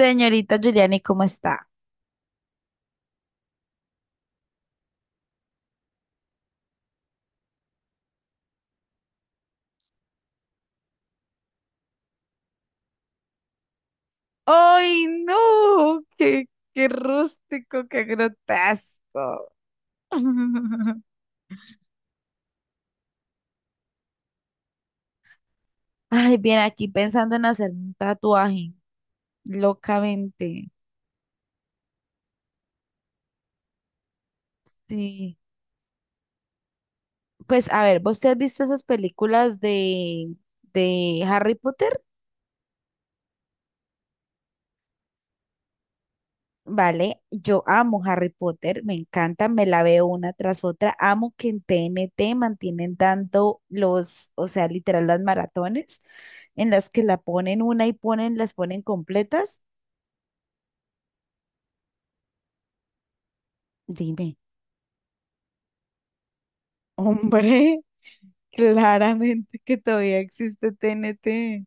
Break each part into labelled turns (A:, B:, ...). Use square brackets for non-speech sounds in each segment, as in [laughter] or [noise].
A: Señorita Giuliani, ¿cómo está? ¡Ay, no! ¡Qué, qué rústico, qué grotesco! [laughs] Ay, bien, aquí pensando en hacer un tatuaje, locamente. Sí. Pues, a ver, ¿vos te has visto esas películas de Harry Potter? Vale, yo amo Harry Potter, me encanta, me la veo una tras otra. Amo que en TNT mantienen dando los, o sea, literal las maratones en las que la ponen una y ponen, las ponen completas. Dime, [laughs] hombre, claramente que todavía existe TNT,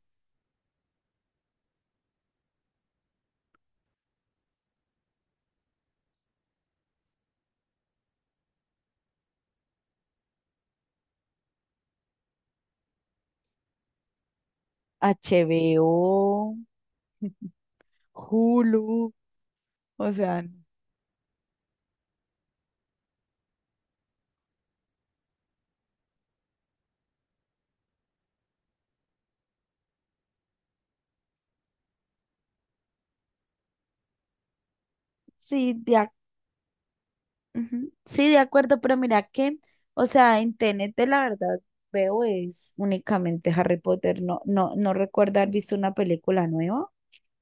A: HBO, [laughs] Hulu, o sea, sí, de Ujú. Sí, de acuerdo, pero mira que, o sea, en T N T la verdad veo es únicamente Harry Potter. No, no recuerdo haber visto una película nueva.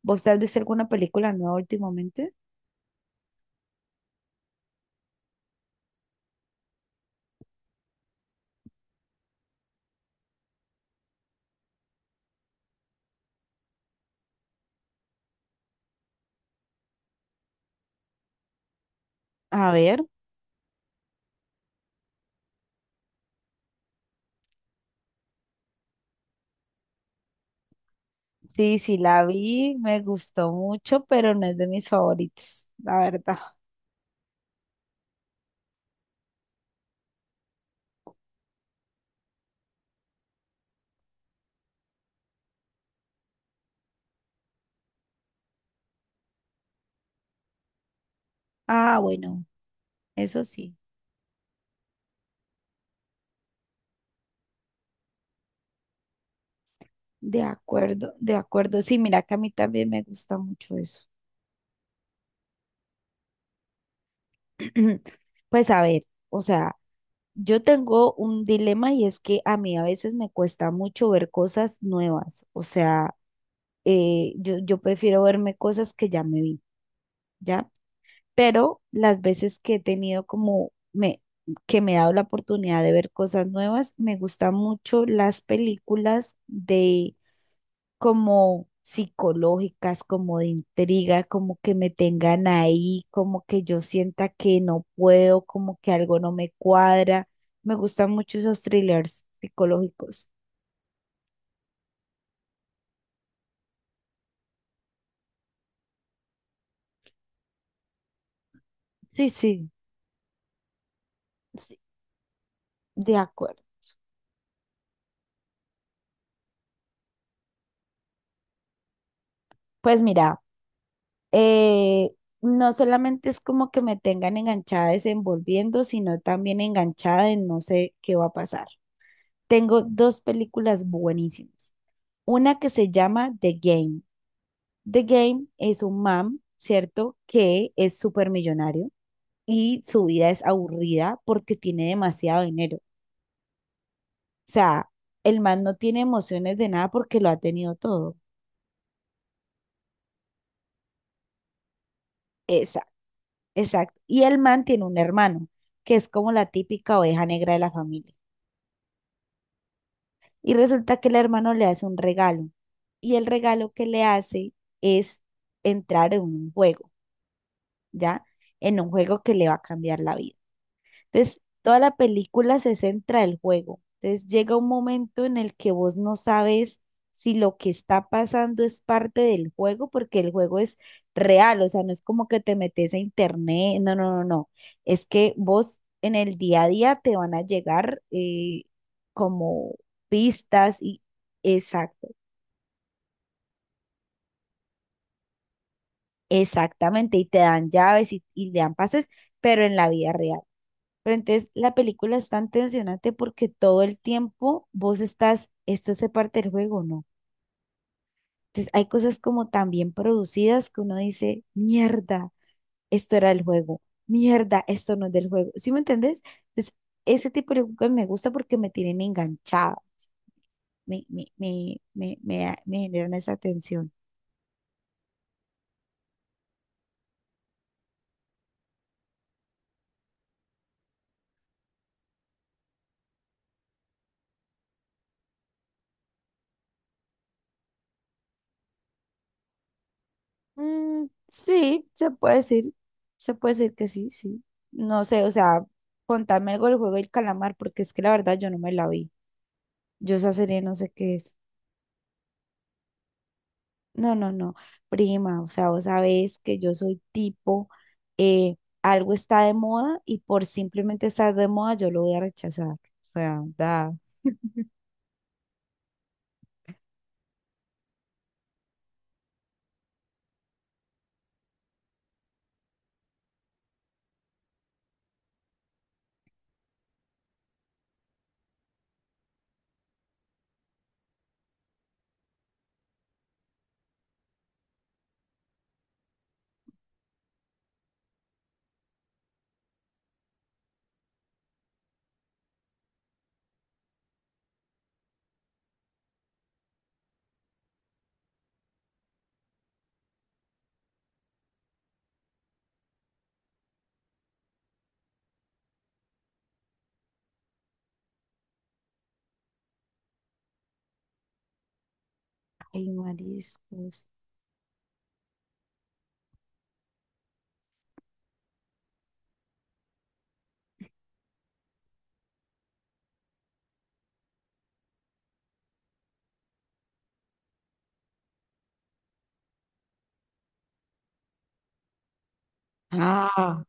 A: ¿Vos has visto alguna película nueva últimamente? A ver, sí, sí la vi, me gustó mucho, pero no es de mis favoritos, la verdad. Ah, bueno, eso sí, de acuerdo, de acuerdo. Sí, mira que a mí también me gusta mucho eso. [clears throat] Pues a ver, o sea, yo tengo un dilema y es que a mí a veces me cuesta mucho ver cosas nuevas, o sea, yo prefiero verme cosas que ya me vi, ¿ya? Pero las veces que he tenido como me, que me he dado la oportunidad de ver cosas nuevas, me gustan mucho las películas de como psicológicas, como de intriga, como que me tengan ahí, como que yo sienta que no puedo, como que algo no me cuadra. Me gustan mucho esos thrillers psicológicos. Sí, sí, sí, de acuerdo. Pues mira, eh, no solamente es como que me tengan enganchada desenvolviendo, sino también enganchada en no sé qué va a pasar. Tengo dos películas buenísimas. Una que se llama The Game. The Game es un man, ¿cierto? Que es súper millonario y su vida es aburrida porque tiene demasiado dinero. O sea, el man no tiene emociones de nada porque lo ha tenido todo. Exacto, exacto. Y el man tiene un hermano, que es como la típica oveja negra de la familia. Y resulta que el hermano le hace un regalo. Y el regalo que le hace es entrar en un juego, ¿ya? En un juego que le va a cambiar la vida. Entonces, toda la película se centra el juego. Entonces, llega un momento en el que vos no sabes si lo que está pasando es parte del juego, porque el juego es real, o sea, no es como que te metes a internet, no, no, no, no. Es que vos en el día a día te van a llegar como pistas y exacto, exactamente, y te dan llaves y te dan pases, pero en la vida real. Pero entonces la película es tan tensionante porque todo el tiempo vos estás, esto hace parte del juego, ¿no? Entonces hay cosas como tan bien producidas que uno dice, mierda, esto era el juego, mierda, esto no es del juego. ¿Sí me entendés? Entonces ese tipo de películas me gusta porque me tienen enganchada, me generan esa tensión. Mm, sí, se puede decir que sí, sí. No sé, o sea, contame algo del juego del calamar porque es que la verdad yo no me la vi. Yo esa serie no sé qué es. No, no, no. Prima, o sea, vos sabés que yo soy tipo, eh, algo está de moda y por simplemente estar de moda yo lo voy a rechazar. O sea, da. Ay, mariscos. Ah,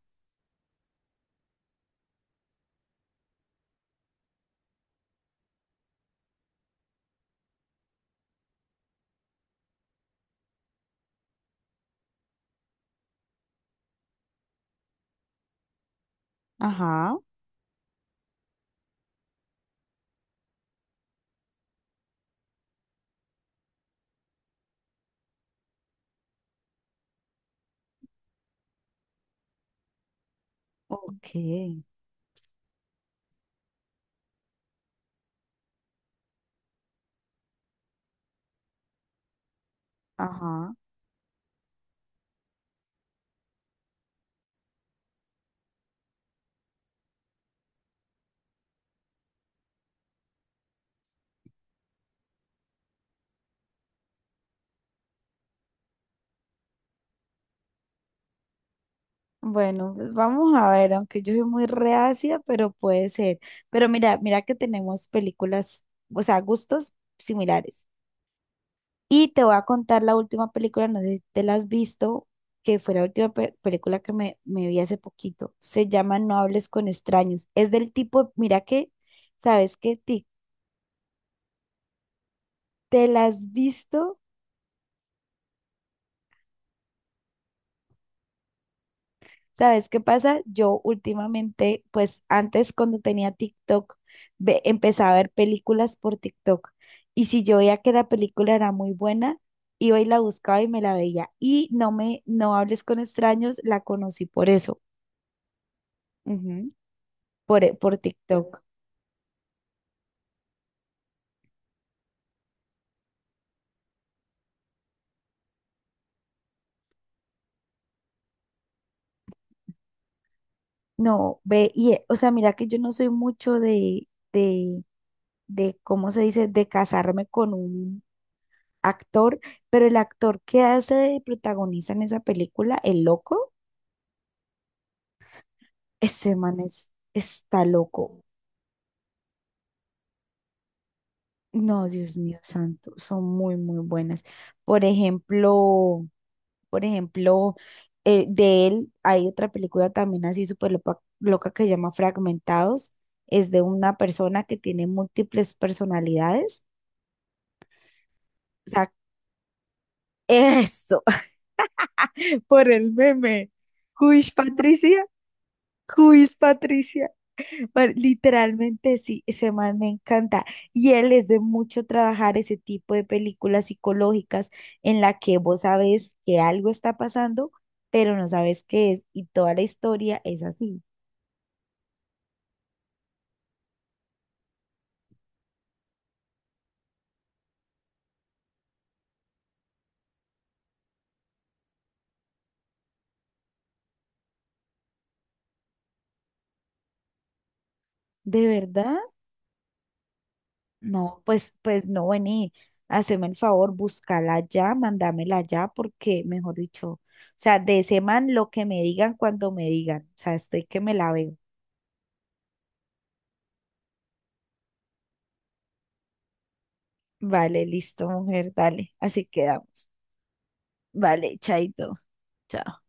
A: ajá, ok, ajá. Bueno, pues vamos a ver, aunque yo soy muy reacia, pero puede ser. Pero mira, mira que tenemos películas, o sea, gustos similares. Y te voy a contar la última película, no sé si te la has visto, que fue la última pe- película que me vi hace poquito. Se llama No hables con extraños. Es del tipo, mira que, ¿sabes qué? Ti- ¿Te la has visto? ¿Sabes qué pasa? Yo últimamente, pues antes cuando tenía TikTok, ve- empezaba a ver películas por TikTok. Y si yo veía que la película era muy buena, iba y la buscaba y me la veía. Y no me, No hables con extraños, la conocí por eso. Ujú. Por TikTok. No, ve, y, o sea, mira que yo no soy mucho de, ¿cómo se dice?, de casarme con un actor, pero el actor que hace de protagonista en esa película, el loco, ese man es, está loco. No, Dios mío santo, son muy, muy buenas. Por ejemplo, por ejemplo, de él hay otra película también así súper lopa- loca que se llama Fragmentados. Es de una persona que tiene múltiples personalidades. O sea, eso, [laughs] por el meme. Juiz Patricia, Juiz Patricia. Bueno, literalmente sí, ese man me encanta. Y él es de mucho trabajar ese tipo de películas psicológicas en la que vos sabes que algo está pasando, pero no sabes qué es. Y toda la historia es así. ¿De verdad? No, pues, pues no, vení, haceme el favor, búscala ya, mándamela ya, porque, mejor dicho, o sea, de ese man lo que me digan cuando me digan, o sea, estoy que me la veo. Vale, listo, mujer, dale, así quedamos. Vale, chaito. Chao.